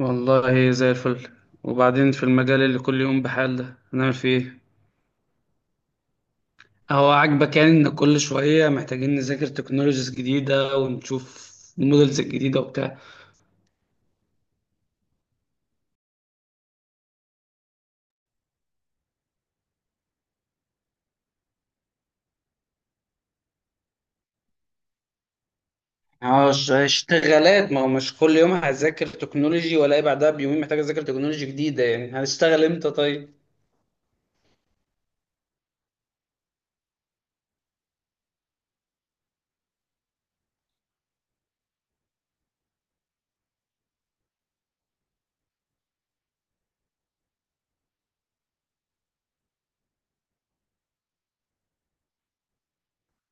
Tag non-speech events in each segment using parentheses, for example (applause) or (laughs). والله زي الفل. وبعدين في المجال اللي كل يوم بحال ده هنعمل فيه ايه؟ هو عاجبك يعني ان كل شوية محتاجين نذاكر تكنولوجيز جديدة ونشوف المودلز الجديدة وبتاع؟ اشتغالات، ما هو مش كل يوم هذاكر تكنولوجي ولا بعدها بيومين محتاج اذاكر تكنولوجي جديدة، يعني هنشتغل امتى طيب؟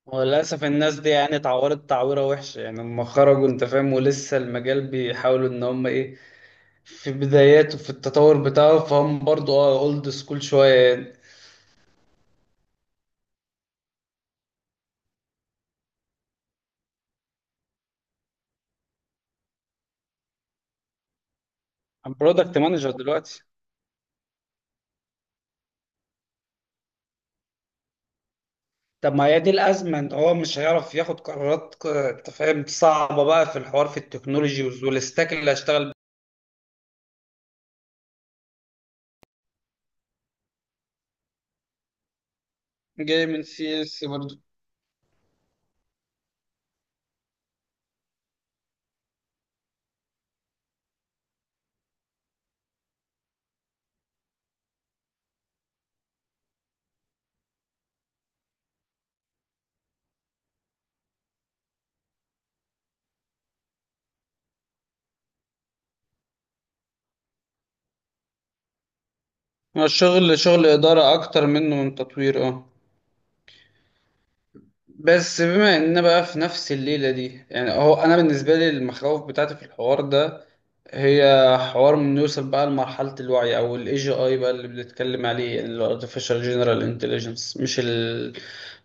وللأسف الناس دي يعني اتعورت تعويرة وحشة يعني لما خرجوا انت فاهم، ولسه المجال بيحاولوا ان هم ايه، في بداياته في التطور بتاعه، فهم برضو اولد سكول شوية يعني. برودكت مانجر دلوقتي. طب ما هي دي الأزمة، إن هو مش هيعرف ياخد قرارات أنت فاهم صعبة بقى في الحوار في التكنولوجي والستاك اللي هشتغل بيه. جاي من CS برضه. هو الشغل شغل إدارة أكتر منه من تطوير، أه. بس بما إننا بقى في نفس الليلة دي، يعني هو أنا بالنسبة لي المخاوف بتاعتي في الحوار ده هي حوار من نوصل بقى لمرحلة الوعي أو ال AGI بقى اللي بنتكلم عليه، يعني ال Artificial General Intelligence،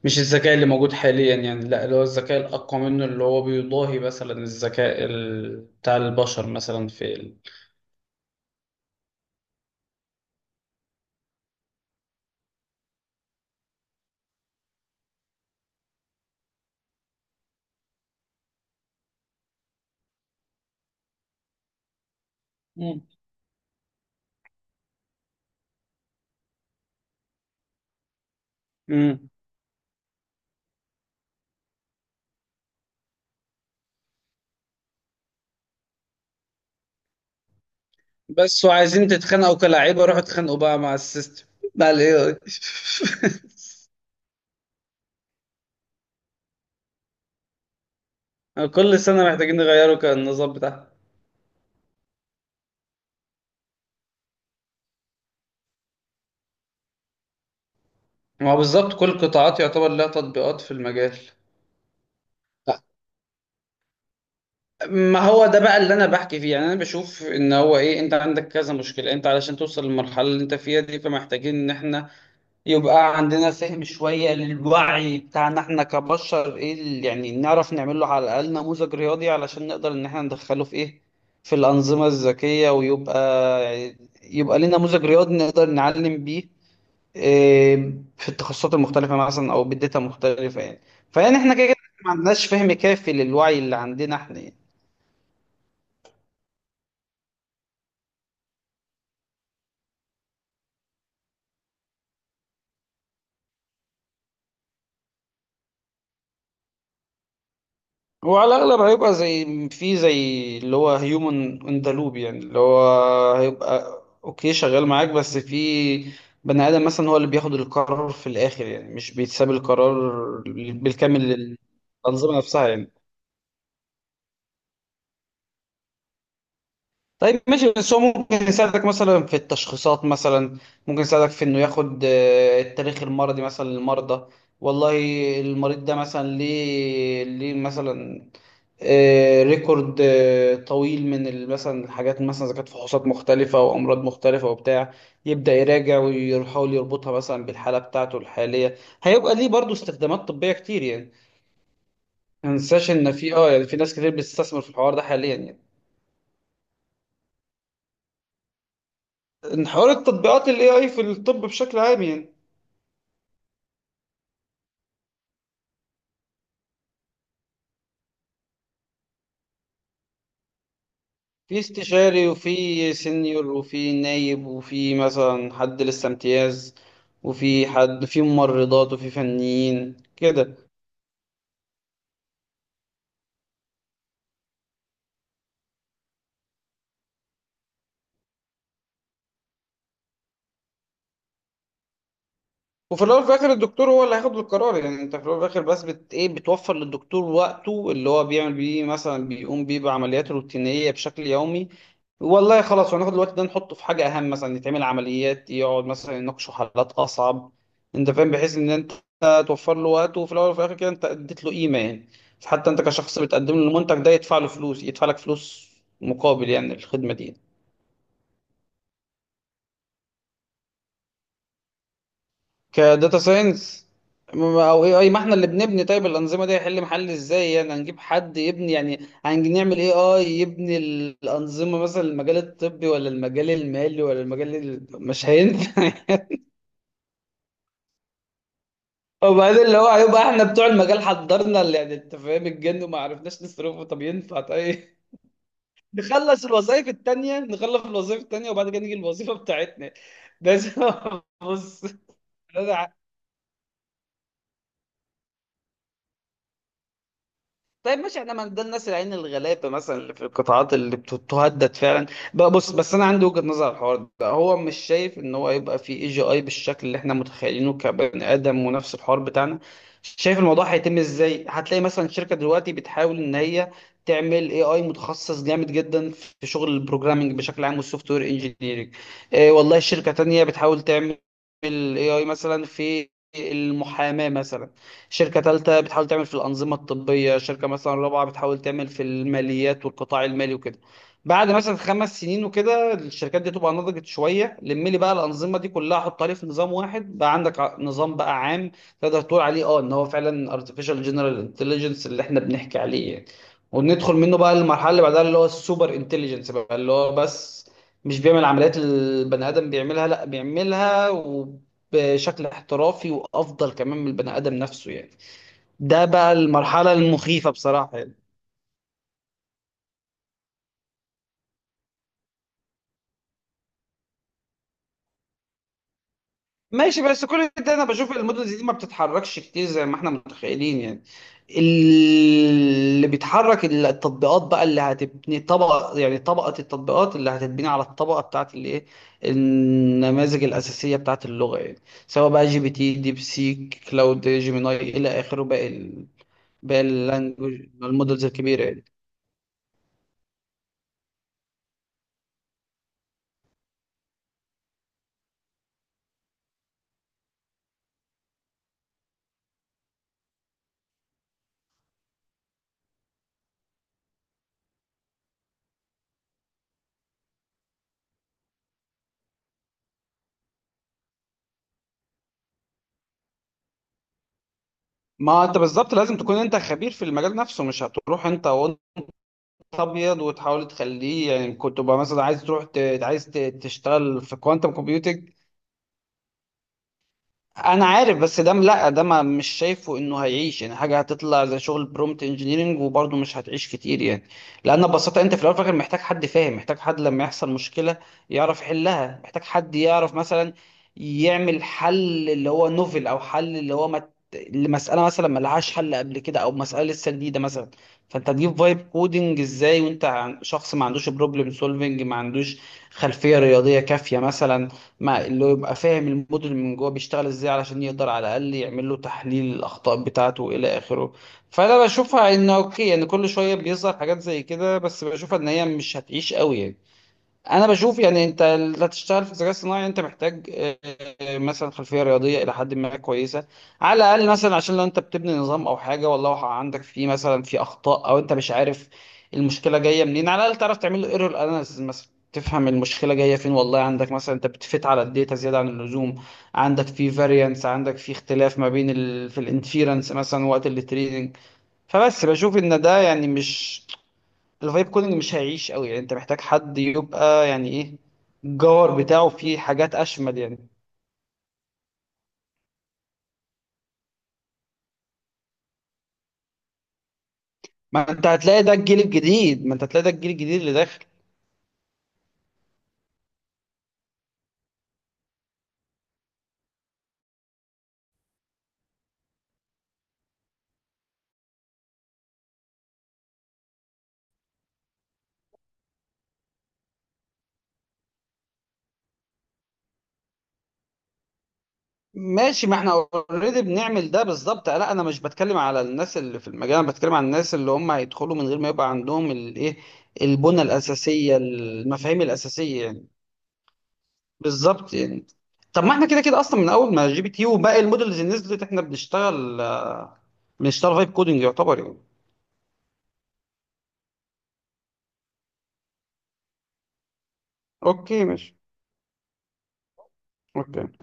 مش الذكاء اللي موجود حاليا يعني، لا اللي هو الذكاء الأقوى منه اللي هو بيضاهي مثلا الذكاء بتاع البشر مثلا في مم. مم. بس وعايزين تتخانقوا كلاعيبة، روحوا اتخانقوا بقى مع السيستم، مع ال AI (laughs) كل سنة محتاجين نغيروا كان النظام بتاعها. ما هو بالظبط، كل قطاعات يعتبر لها تطبيقات في المجال. ما هو ده بقى اللي انا بحكي فيه، يعني انا بشوف ان هو ايه، انت عندك كذا مشكله، انت علشان توصل للمرحله اللي انت فيها دي فمحتاجين ان احنا يبقى عندنا فهم شويه للوعي بتاعنا احنا كبشر، ايه اللي يعني نعرف نعمل له على الاقل نموذج رياضي علشان نقدر ان احنا ندخله في ايه، في الانظمه الذكيه، ويبقى ليه نموذج رياضي نقدر نعلم بيه إيه، في التخصصات المختلفه مثلا او بالداتا مختلفه يعني. فيعني احنا كده كده ما عندناش فهم كافي للوعي اللي عندنا احنا يعني. هو على الأغلب هيبقى زي في زي اللي هو هيومن ان ذا لوب، يعني اللي هو هيبقى اوكي شغال معاك، بس في بني آدم مثلا هو اللي بياخد القرار في الآخر، يعني مش بيتساب القرار بالكامل للأنظمة نفسها يعني. طيب ماشي، بس هو ممكن يساعدك مثلا في التشخيصات مثلا، ممكن يساعدك في انه ياخد التاريخ المرضي مثلا للمرضى. والله المريض ده مثلا، ليه مثلا ريكورد طويل مثلا الحاجات، مثلا اذا كانت فحوصات مختلفه او امراض مختلفه وبتاع، يبدا يراجع ويحاول يربطها مثلا بالحاله بتاعته الحاليه. هيبقى ليه برضه استخدامات طبيه كتير يعني. ما ننساش ان في يعني في ناس كتير بتستثمر في الحوار ده حاليا يعني. إن حوار التطبيقات ال AI في الطب بشكل عام يعني. في استشاري وفي سينيور وفي نايب وفي مثلا حد لسه امتياز، وفي حد في ممرضات وفي فنيين كده. وفي الاول وفي الاخر الدكتور هو اللي هياخد القرار، يعني انت في الاول وفي الاخر بس بت ايه، بتوفر للدكتور وقته اللي هو بيعمل بيه مثلا، بيقوم بيه بعمليات روتينيه بشكل يومي. والله خلاص هناخد الوقت ده نحطه في حاجه اهم، مثلا يتعمل عمليات، يقعد مثلا يناقشوا حالات اصعب، انت فاهم، بحيث ان انت توفر له وقته، وفي الاول وفي الاخر كده انت اديت له قيمه يعني. فحتى انت كشخص بتقدم له المنتج ده، يدفع له فلوس، يدفع لك فلوس مقابل يعني الخدمه دي. كداتا ساينس او اي اي، ما احنا اللي بنبني، طيب الانظمه دي هيحل محل ازاي يعني؟ هنجيب حد يبني؟ يعني هنعمل اي اي يبني الانظمه مثلا المجال الطبي ولا المجال المالي ولا المجال مش هينفع (laughs) وبعدين اللي هو هيبقى احنا بتوع المجال حضرنا، اللي يعني انت فاهم الجن وما عرفناش نصرفه، طب ينفع طيب؟ (laughs) نخلص الوظائف التانية وبعد كده نيجي الوظيفة بتاعتنا بس. (laughs) بص. طيب ماشي، احنا ما ده الناس العين الغلابه مثلا اللي في القطاعات اللي تهدد فعلا بقى. بص، بس انا عندي وجهه نظر على الحوار ده، هو مش شايف ان هو يبقى في AGI بالشكل اللي احنا متخيلينه كبني ادم ونفس الحوار بتاعنا. شايف الموضوع هيتم ازاي؟ هتلاقي مثلا شركه دلوقتي بتحاول ان هي تعمل اي اي متخصص جامد جدا في شغل البروجرامنج بشكل عام والسوفت وير انجينيرنج. إيه والله شركه تانية بتحاول تعمل اي اي مثلا في المحاماه مثلا، شركة ثالثة بتحاول تعمل في الأنظمة الطبية، شركة مثلا رابعة بتحاول تعمل في الماليات والقطاع المالي وكده. بعد مثلا 5 سنين وكده الشركات دي تبقى نضجت شوية، لم لي بقى الأنظمة دي كلها، حطها لي في نظام واحد، بقى عندك نظام بقى عام تقدر تقول عليه ان هو فعلا artificial general intelligence اللي احنا بنحكي عليه يعني. وندخل منه بقى المرحلة اللي بعدها اللي هو السوبر انتليجنس بقى، اللي هو بس مش بيعمل عمليات البني آدم بيعملها، لا، بيعملها بشكل احترافي وافضل كمان من البني ادم نفسه يعني. ده بقى المرحله المخيفه بصراحه يعني. ماشي، بس كل ده انا بشوف المدن دي ما بتتحركش كتير زي ما احنا متخيلين يعني. اللي بيتحرك التطبيقات بقى، اللي هتبني طبقه يعني، طبقه التطبيقات اللي هتتبني على الطبقه بتاعت الايه، النماذج الاساسيه بتاعت اللغه يعني، سواء بقى GPT، ديب سيك، كلاود، جيميناي، الى اخره، باقي اللانجوج المودلز الكبيره يعني. ما انت بالظبط لازم تكون انت خبير في المجال نفسه، مش هتروح انت وانت ابيض وتحاول تخليه يعني، كنت بقى مثلا عايز تروح تشتغل في كوانتم كومبيوتنج. انا عارف، بس ده لا ده ما مش شايفه انه هيعيش يعني، حاجه هتطلع زي شغل برومت انجينيرنج وبرضه مش هتعيش كتير يعني. لان ببساطه انت في الاول وفي الاخر محتاج حد فاهم، محتاج حد لما يحصل مشكله يعرف يحلها، محتاج حد يعرف مثلا يعمل حل اللي هو نوفل او حل اللي هو لمساله مثلا ما لهاش حل قبل كده او مساله لسه جديده مثلا. فانت تجيب فايب كودنج ازاي وانت شخص ما عندوش بروبلم سولفنج، ما عندوش خلفيه رياضيه كافيه مثلا، مع اللي هو يبقى فاهم الموديل من جوه بيشتغل ازاي علشان يقدر على الاقل يعمل له تحليل الاخطاء بتاعته الى اخره. فانا بشوفها ان اوكي يعني كل شويه بيظهر حاجات زي كده، بس بشوفها ان هي مش هتعيش قوي يعني. انا بشوف يعني انت اللي هتشتغل في الذكاء الصناعي انت محتاج مثلا خلفيه رياضيه الى حد ما كويسه، على الاقل مثلا عشان لو انت بتبني نظام او حاجه والله عندك فيه مثلا في اخطاء او انت مش عارف المشكله جايه منين، على الاقل تعرف تعمل له ايرور اناليسيس مثلا، تفهم المشكله جايه فين، والله عندك مثلا انت بتفت على الداتا زياده عن اللزوم، عندك في فاريانس، عندك في اختلاف ما بين في الانفيرنس مثلا وقت التريدنج. فبس بشوف ان ده يعني مش، الفايب كودنج مش هيعيش قوي يعني، انت محتاج حد يبقى يعني ايه الجوهر بتاعه فيه حاجات اشمل يعني. ما انت هتلاقي ده الجيل الجديد ما انت هتلاقي ده الجيل الجديد اللي داخل. ماشي، ما احنا اوريدي بنعمل ده بالظبط، لا انا مش بتكلم على الناس اللي في المجال، انا بتكلم على الناس اللي هم هيدخلوا من غير ما يبقى عندهم الايه، البنى الاساسيه، المفاهيم الاساسيه يعني. بالظبط يعني. طب ما احنا كده كده اصلا من اول ما جي بي تي وباقي المودلز اللي نزلت احنا بنشتغل، بنشتغل فايب كودنج يعتبر يعني. اوكي ماشي. أوكي.